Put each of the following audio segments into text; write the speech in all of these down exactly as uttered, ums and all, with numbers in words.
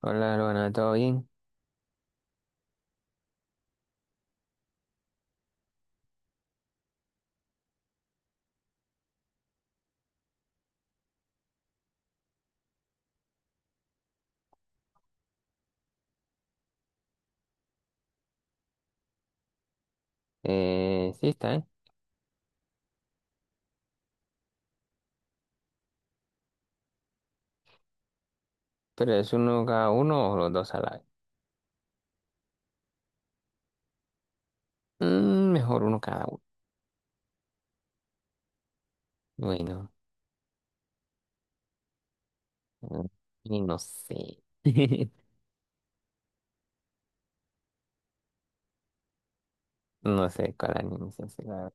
Hola, Luana, ¿todo bien? Eh, sí, está, ¿eh? Pero es uno cada uno o los dos a la vez. Mm, mejor uno cada uno. Bueno, mm, y no sé. No sé cuál anime es ese, la verdad.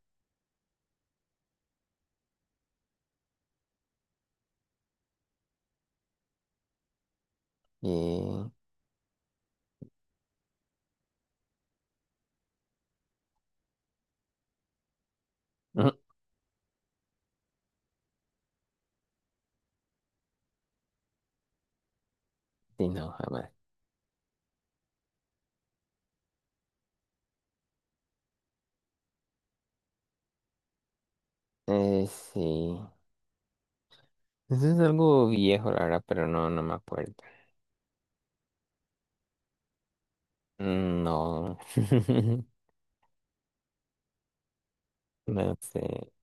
Eh, mm, sí, no, jamás. Eh, sí. Eso es algo viejo, la verdad, pero no, no me acuerdo. Mm. No. No sé.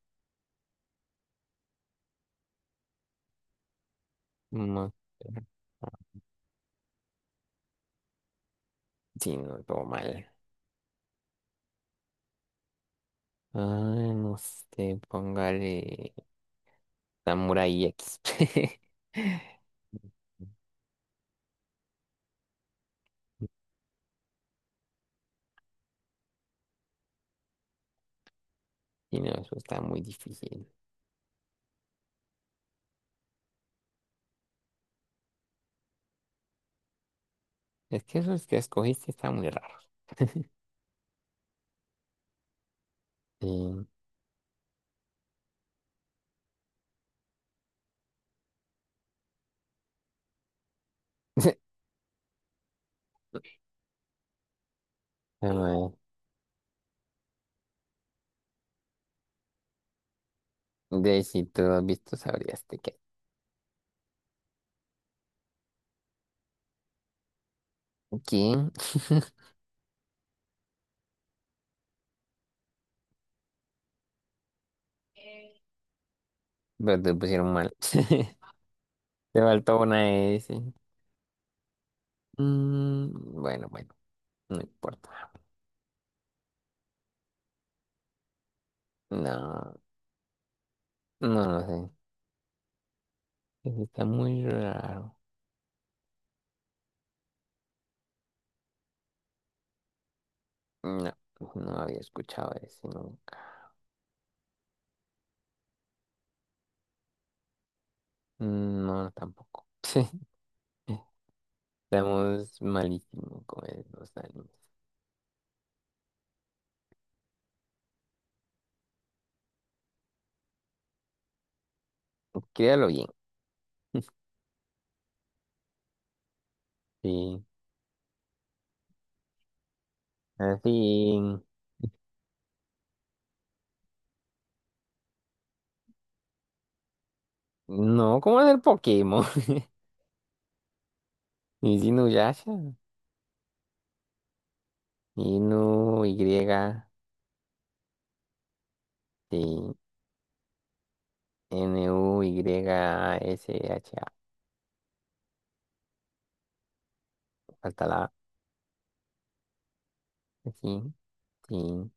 No sé. Sí, no, todo mal. Ah, no sé, póngale. Samurai X. Y no, eso está muy difícil. Es que esos que escogiste están muy raros. Sí. A ver, de si tú has visto, sabrías de qué. ¿Quién? Pero te pusieron mal. Te faltó una S. Mm, bueno, bueno, no importa. No, no lo sé. Eso está muy raro. No, no había escuchado ese nunca. No, tampoco. Estamos malísimo con los animes. Créalo bien. Sí. Así. No, ¿cómo es el Pokémon? Es Inuyasha. Inu, Y, sí. N-U-Y-S-H-A. Falta la. A. Sí, sí.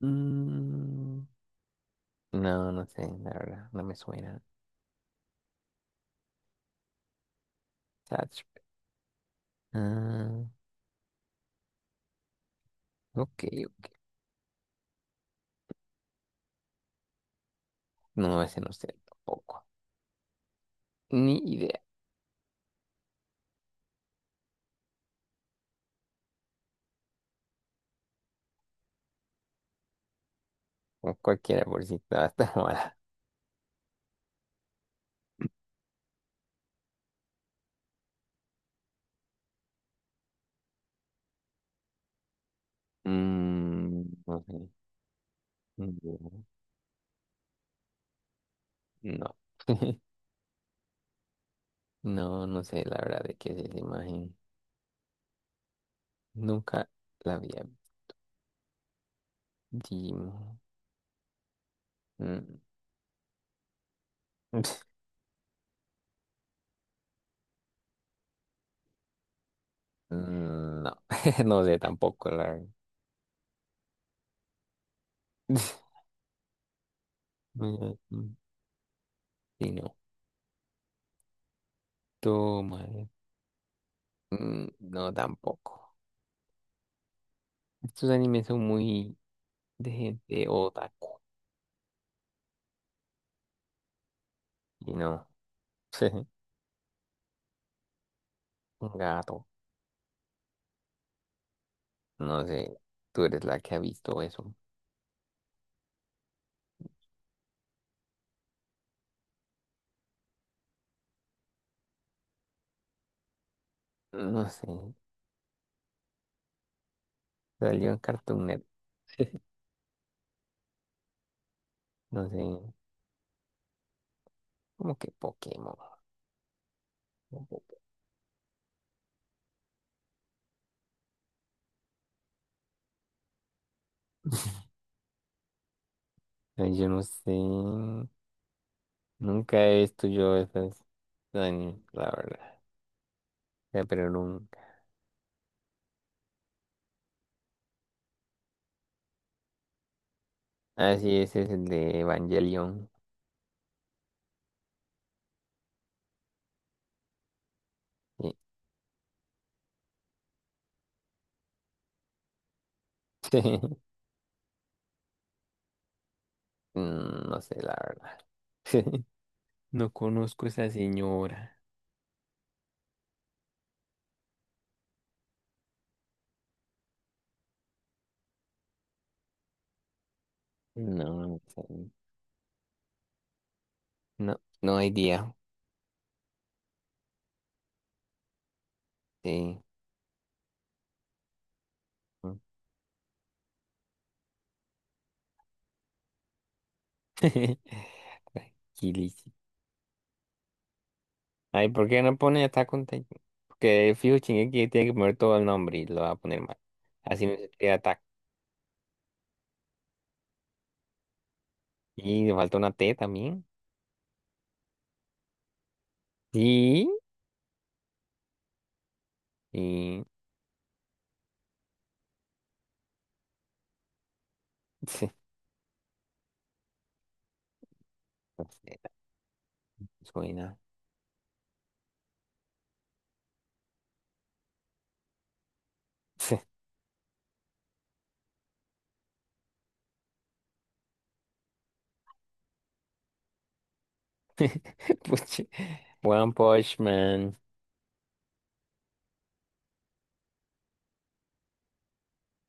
Mm, no, no sé, la verdad. No me suena. Sach- Ah, ok. No, ese no sé tampoco. Ni idea. O cualquiera por si estaba tan mala. Mm, no sé. No, no, no no sé la verdad de qué es esa imagen. Nunca la había visto. Mm. No, no sé tampoco la verdad. Mm. Sí, no. Toma. Mm. No, tampoco. Estos animes son muy de gente otaku. Y no. Un gato. No sé. Tú eres la que ha visto eso. No sé. Salió en Cartoon Network. No sé. Como que Pokémon. Ay, yo no sé. Nunca he visto yo esas animes, la verdad. O sea, pero nunca. Ah, sí, ese es el de Evangelion. Sí. Mm. No sé, la verdad. No conozco a esa señora. No, no sé. No, no hay día. Sí. Mm. Tranquilísimo. Ay, ¿por qué no pone Attack on Titan? Porque fijo, Shingeki tiene que poner todo el nombre y lo va a poner mal. Así no se crea Attack. Y le falta una T también. Sí. Y sí, no sé, suena. Puchi, One Punch Man.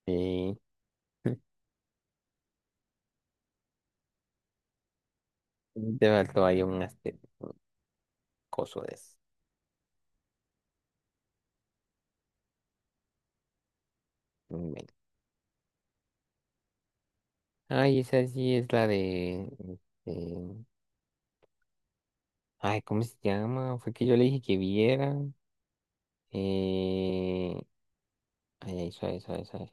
Y te faltó ahí un este, un coso de eso. Bueno. Ay, esa sí es la de. este, Ay, ¿cómo se llama? Fue que yo le dije que viera. Eh... Ay, ay, suave, suave, suave.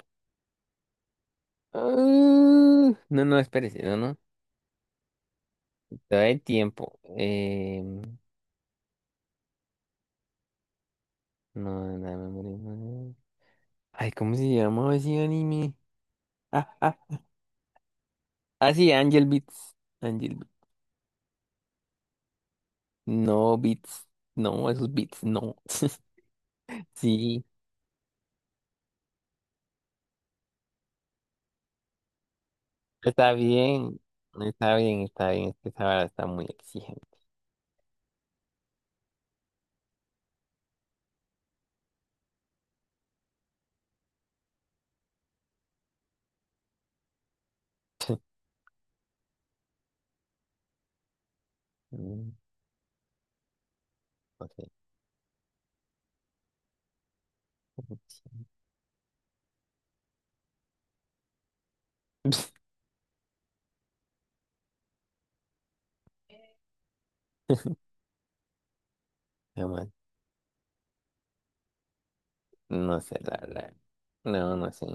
Ah, No, no, espérese, no, no. Todavía hay tiempo. Eh... No, no, no, no, no, no. Ay, ¿cómo se llama ese anime? Ah, Ah, sí, Angel Beats. Angel Beats. No, Beats. No, esos Beats, no. Sí, está bien. Está bien, está bien. Es que esa vara está muy exigente. Mm. No sé. Nada más, No sé, la verdad. No, no sé.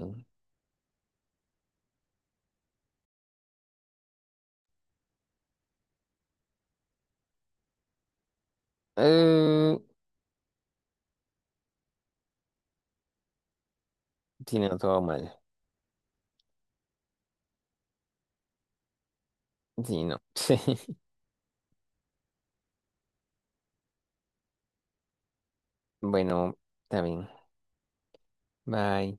Eh, sí, no, todo mal. Sí, no. Bueno, está bien. Bye.